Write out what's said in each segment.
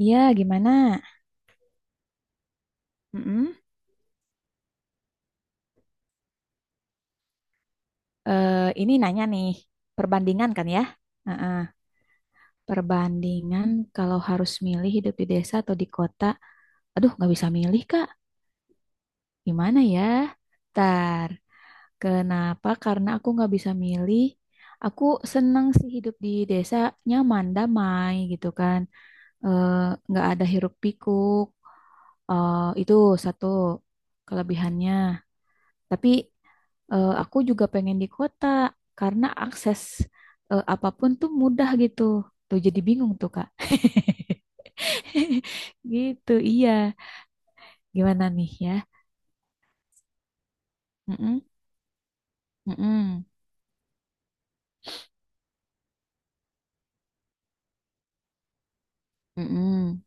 Iya, gimana? Mm-mm. Eh, ini nanya nih, perbandingan kan ya? Heeh, perbandingan kalau harus milih hidup di desa atau di kota. Aduh, nggak bisa milih, Kak. Gimana ya? Ntar, kenapa? Karena aku nggak bisa milih. Aku seneng sih hidup di desa, nyaman, damai gitu kan. Eh, Nggak ada hiruk pikuk. Itu satu kelebihannya. Tapi aku juga pengen di kota karena akses apapun tuh mudah gitu. Tuh jadi bingung tuh Kak. Gitu, iya. Gimana nih ya? Mm-mm, mm-mm, mm-mm,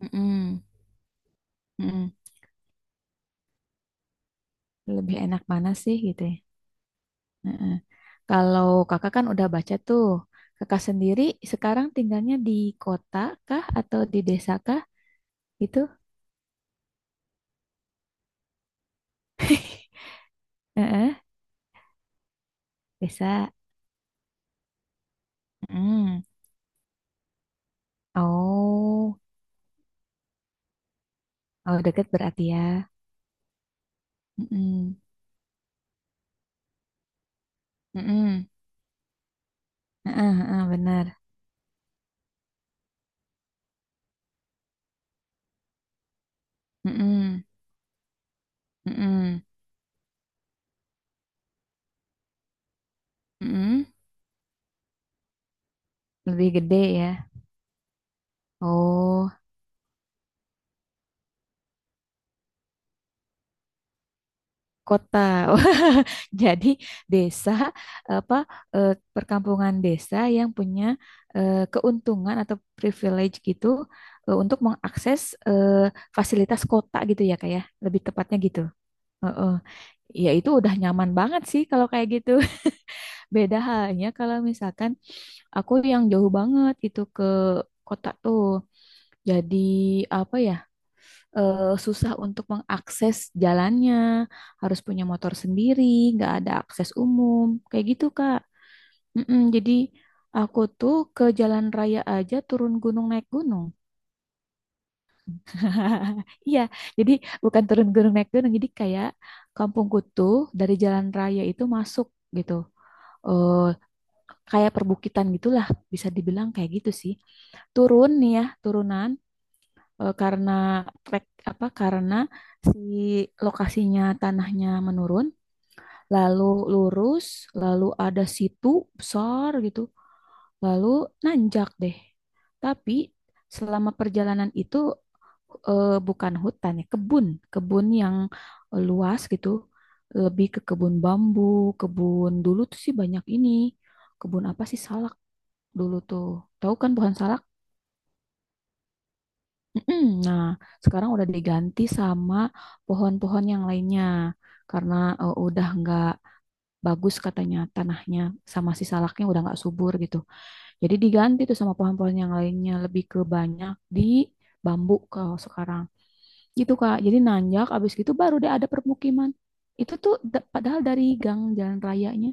mm-mm, mm-mm. Lebih enak mana sih gitu ya? Mm-mm. Kalau kakak kan udah baca tuh, kakak sendiri sekarang tinggalnya di kota kah atau di desa kah gitu? Heeh, desa. Mm. Oh. Oh, deket berarti ya. Mm-mm. Mm-mm. Heeh, heeh, benar. Mm-mm. Mm-mm. Mm-mm. Lebih gede ya. Oh, kota. Wah, jadi desa apa, eh, perkampungan desa yang punya keuntungan atau privilege gitu untuk mengakses eh, fasilitas kota gitu ya kayak lebih tepatnya gitu. Heeh. Ya itu udah nyaman banget sih kalau kayak gitu. Beda halnya kalau misalkan aku yang jauh banget gitu ke kota tuh. Jadi apa ya, susah untuk mengakses jalannya, harus punya motor sendiri, nggak ada akses umum, kayak gitu Kak. Mm-mm, jadi aku tuh ke jalan raya aja turun gunung naik gunung. Iya, jadi bukan turun gunung naik gunung, jadi kayak kampungku tuh dari jalan raya itu masuk gitu. Eh, kayak perbukitan gitulah bisa dibilang kayak gitu sih turun nih ya turunan karena trek apa karena si lokasinya tanahnya menurun lalu lurus lalu ada situ besar gitu lalu nanjak deh tapi selama perjalanan itu bukan hutan ya kebun kebun yang luas gitu lebih ke kebun bambu kebun dulu tuh sih banyak ini kebun apa sih salah dulu tuh. Tahu kan pohon salak? Mm-mm. Nah, sekarang udah diganti sama pohon-pohon yang lainnya karena udah nggak bagus katanya tanahnya sama si salaknya udah nggak subur gitu. Jadi diganti tuh sama pohon-pohon yang lainnya lebih ke banyak di bambu kalau sekarang. Gitu Kak. Jadi nanjak abis gitu baru deh ada permukiman. Padahal dari gang jalan rayanya.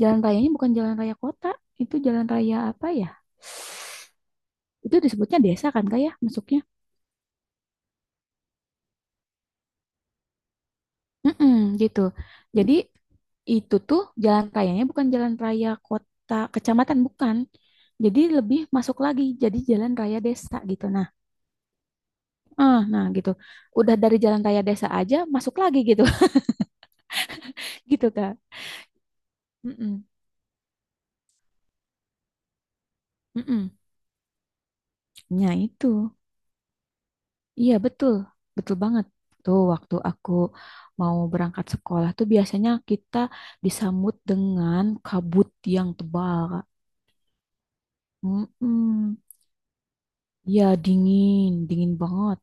Jalan rayanya bukan jalan raya kota, itu jalan raya apa ya? Itu disebutnya desa kan Kak ya masuknya? Mm-mm, gitu. Jadi itu tuh jalan rayanya bukan jalan raya kota kecamatan bukan. Jadi lebih masuk lagi jadi jalan raya desa gitu. Nah, nah gitu. Udah dari jalan raya desa aja masuk lagi gitu. Gitu Kak. Mm-mm, mm-mm. Nah, itu. Iya, betul. Betul banget. Tuh waktu aku mau berangkat sekolah tuh biasanya kita disambut dengan kabut yang tebal, Kak. Mm-mm. Ya, dingin, dingin banget.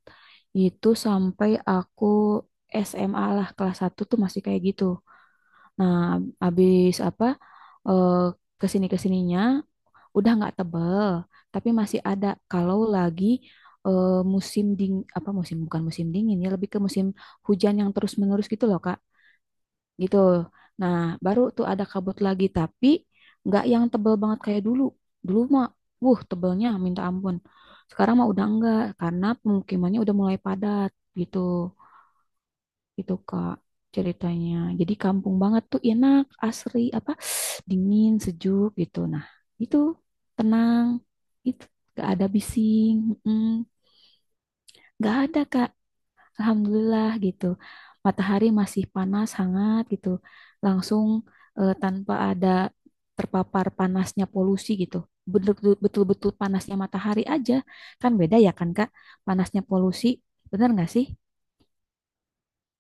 Itu sampai aku SMA lah, kelas satu tuh masih kayak gitu. Nah, habis apa, eh, kesini-kesininya udah nggak tebel, tapi masih ada kalau lagi eh, musim, bukan musim dingin ya, lebih ke musim hujan yang terus-menerus gitu loh, Kak gitu. Nah, baru tuh ada kabut lagi, tapi nggak yang tebel banget kayak dulu. Dulu mah, wuh, tebelnya minta ampun. Sekarang mah udah enggak, karena pemukimannya udah mulai padat gitu. Itu Kak ceritanya. Jadi kampung banget tuh enak, asri, apa, dingin, sejuk gitu. Nah, itu tenang, itu nggak ada bising, mm, nggak ada Kak. Alhamdulillah gitu. Matahari masih panas, hangat gitu. Langsung tanpa ada terpapar panasnya polusi gitu. Betul-betul panasnya matahari aja. Kan beda ya kan Kak? Panasnya polusi, bener nggak sih?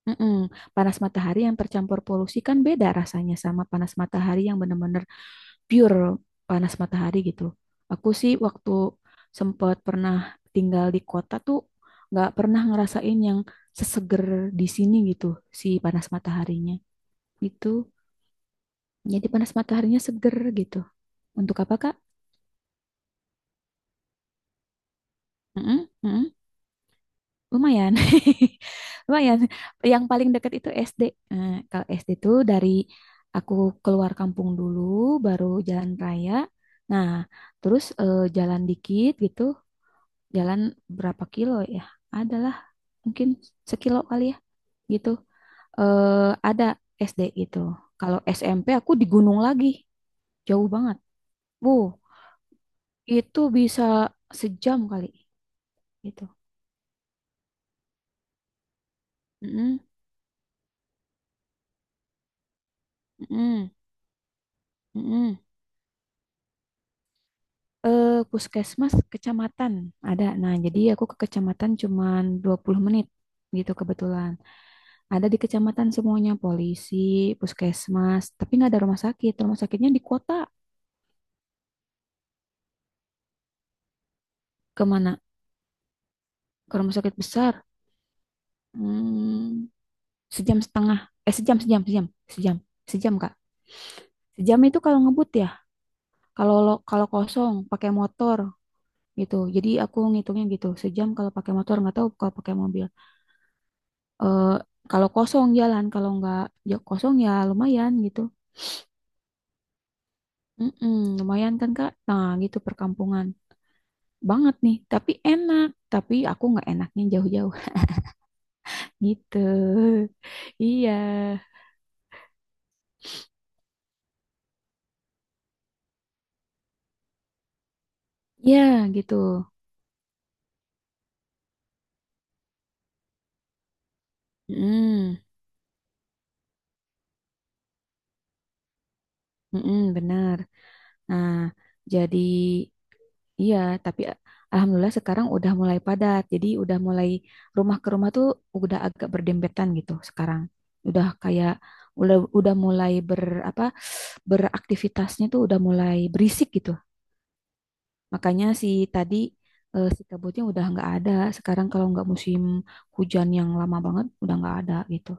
Mm-mm. Panas matahari yang tercampur polusi kan beda rasanya sama panas matahari yang benar-benar pure panas matahari gitu. Aku sih waktu sempat pernah tinggal di kota tuh nggak pernah ngerasain yang seseger di sini gitu si panas mataharinya gitu. Jadi panas mataharinya seger gitu. Untuk apa Kak? Mm-mm, mm-mm. Lumayan. Lumayan. Yang paling dekat itu SD. Kalau SD tuh dari aku keluar kampung dulu baru jalan raya. Nah, terus jalan dikit gitu jalan berapa kilo ya? Adalah mungkin sekilo kali ya gitu. Eh ada SD gitu. Kalau SMP aku di gunung lagi, jauh banget. Bu, itu bisa sejam kali gitu. Mm-mm, mm-mm, mm-mm. Puskesmas kecamatan ada. Nah, jadi aku ke kecamatan cuman 20 menit gitu kebetulan. Ada di kecamatan semuanya polisi, puskesmas, tapi nggak ada rumah sakit. Rumah sakitnya di kota. Kemana? Ke rumah sakit besar. Hmm, sejam setengah. Eh sejam sejam sejam sejam sejam Kak. Sejam itu kalau ngebut ya. Kalau kosong pakai motor gitu. Jadi aku ngitungnya gitu. Sejam kalau pakai motor nggak tahu kalau pakai mobil. Eh kalau kosong jalan kalau nggak ya kosong ya lumayan gitu. Mm-mm, lumayan kan Kak. Nah gitu perkampungan banget nih. Tapi enak. Tapi aku nggak enaknya jauh-jauh gitu. Iya. Iya gitu. Mm, mm benar. Nah, jadi iya, tapi a- alhamdulillah sekarang udah mulai padat. Jadi udah mulai rumah ke rumah tuh udah agak berdempetan gitu sekarang. Udah kayak udah mulai apa beraktivitasnya tuh udah mulai berisik gitu. Makanya si tadi si kabutnya udah nggak ada. Sekarang kalau nggak musim hujan yang lama banget udah nggak ada gitu.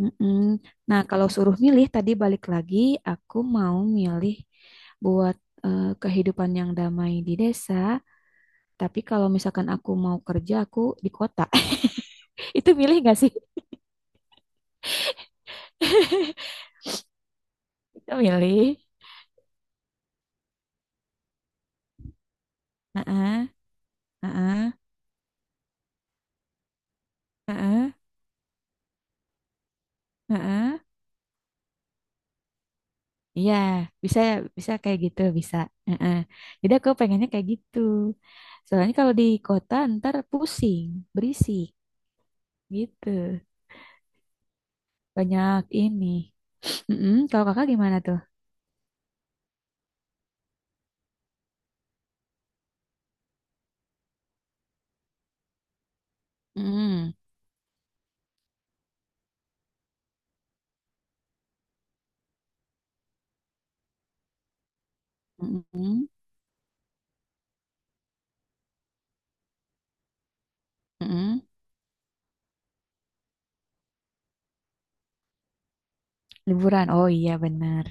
Mm-mm. Nah, kalau suruh milih tadi balik lagi, aku mau milih buat kehidupan yang damai di desa. Tapi kalau misalkan aku mau kerja, aku di kota. Itu milih gak sih? Itu milih. Heeh, heeh, heeh, heeh. Iya, bisa bisa kayak gitu, bisa. Heeh. Jadi aku pengennya kayak gitu. Soalnya kalau di kota ntar pusing, berisik gitu. Banyak ini. Mm-mm, kalau kakak gimana tuh? Mm. Mm-mm, mm-mm. Liburan. Oh iya benar.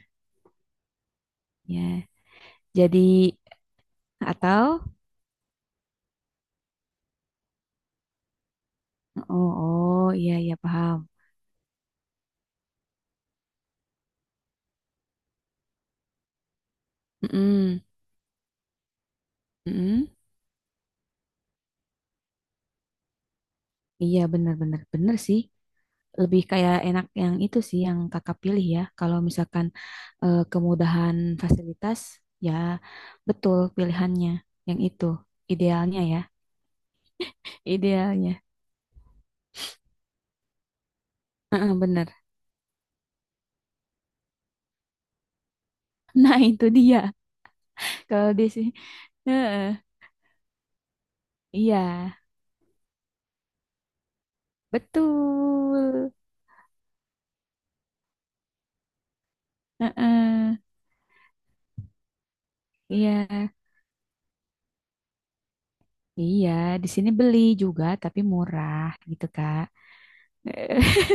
Ya. Jadi atau oh oh iya iya paham. Mm-mm, mm-mm. Iya benar benar benar sih. Lebih kayak enak yang itu sih yang kakak pilih ya. Kalau misalkan kemudahan fasilitas ya betul pilihannya yang itu idealnya ya. Idealnya. Heeh, benar. Nah, itu dia. Kalau di sini Heeh, iya, betul. Heeh. Iya, iya, di sini beli juga tapi murah gitu, Kak.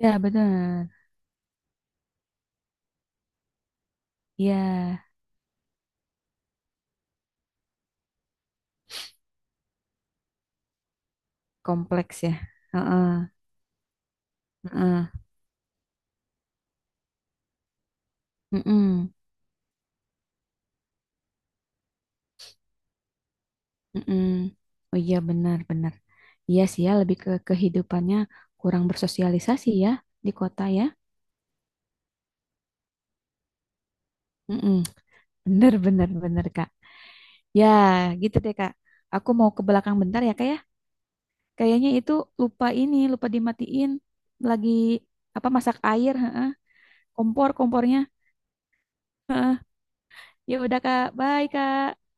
Iya, bener. Iya, kompleks ya. Heeh, heeh, mm-mm, mm-mm. Oh iya, benar-benar. Iya sih ya, lebih ke kehidupannya kurang bersosialisasi ya di kota ya. Mm-mm. Bener, bener, bener, Kak. Ya, gitu deh, Kak. Aku mau ke belakang bentar ya, Kak ya. Kayaknya itu lupa ini, lupa dimatiin. Lagi apa masak air, heeh. Kompor, kompornya. Ya udah Kak, bye Kak.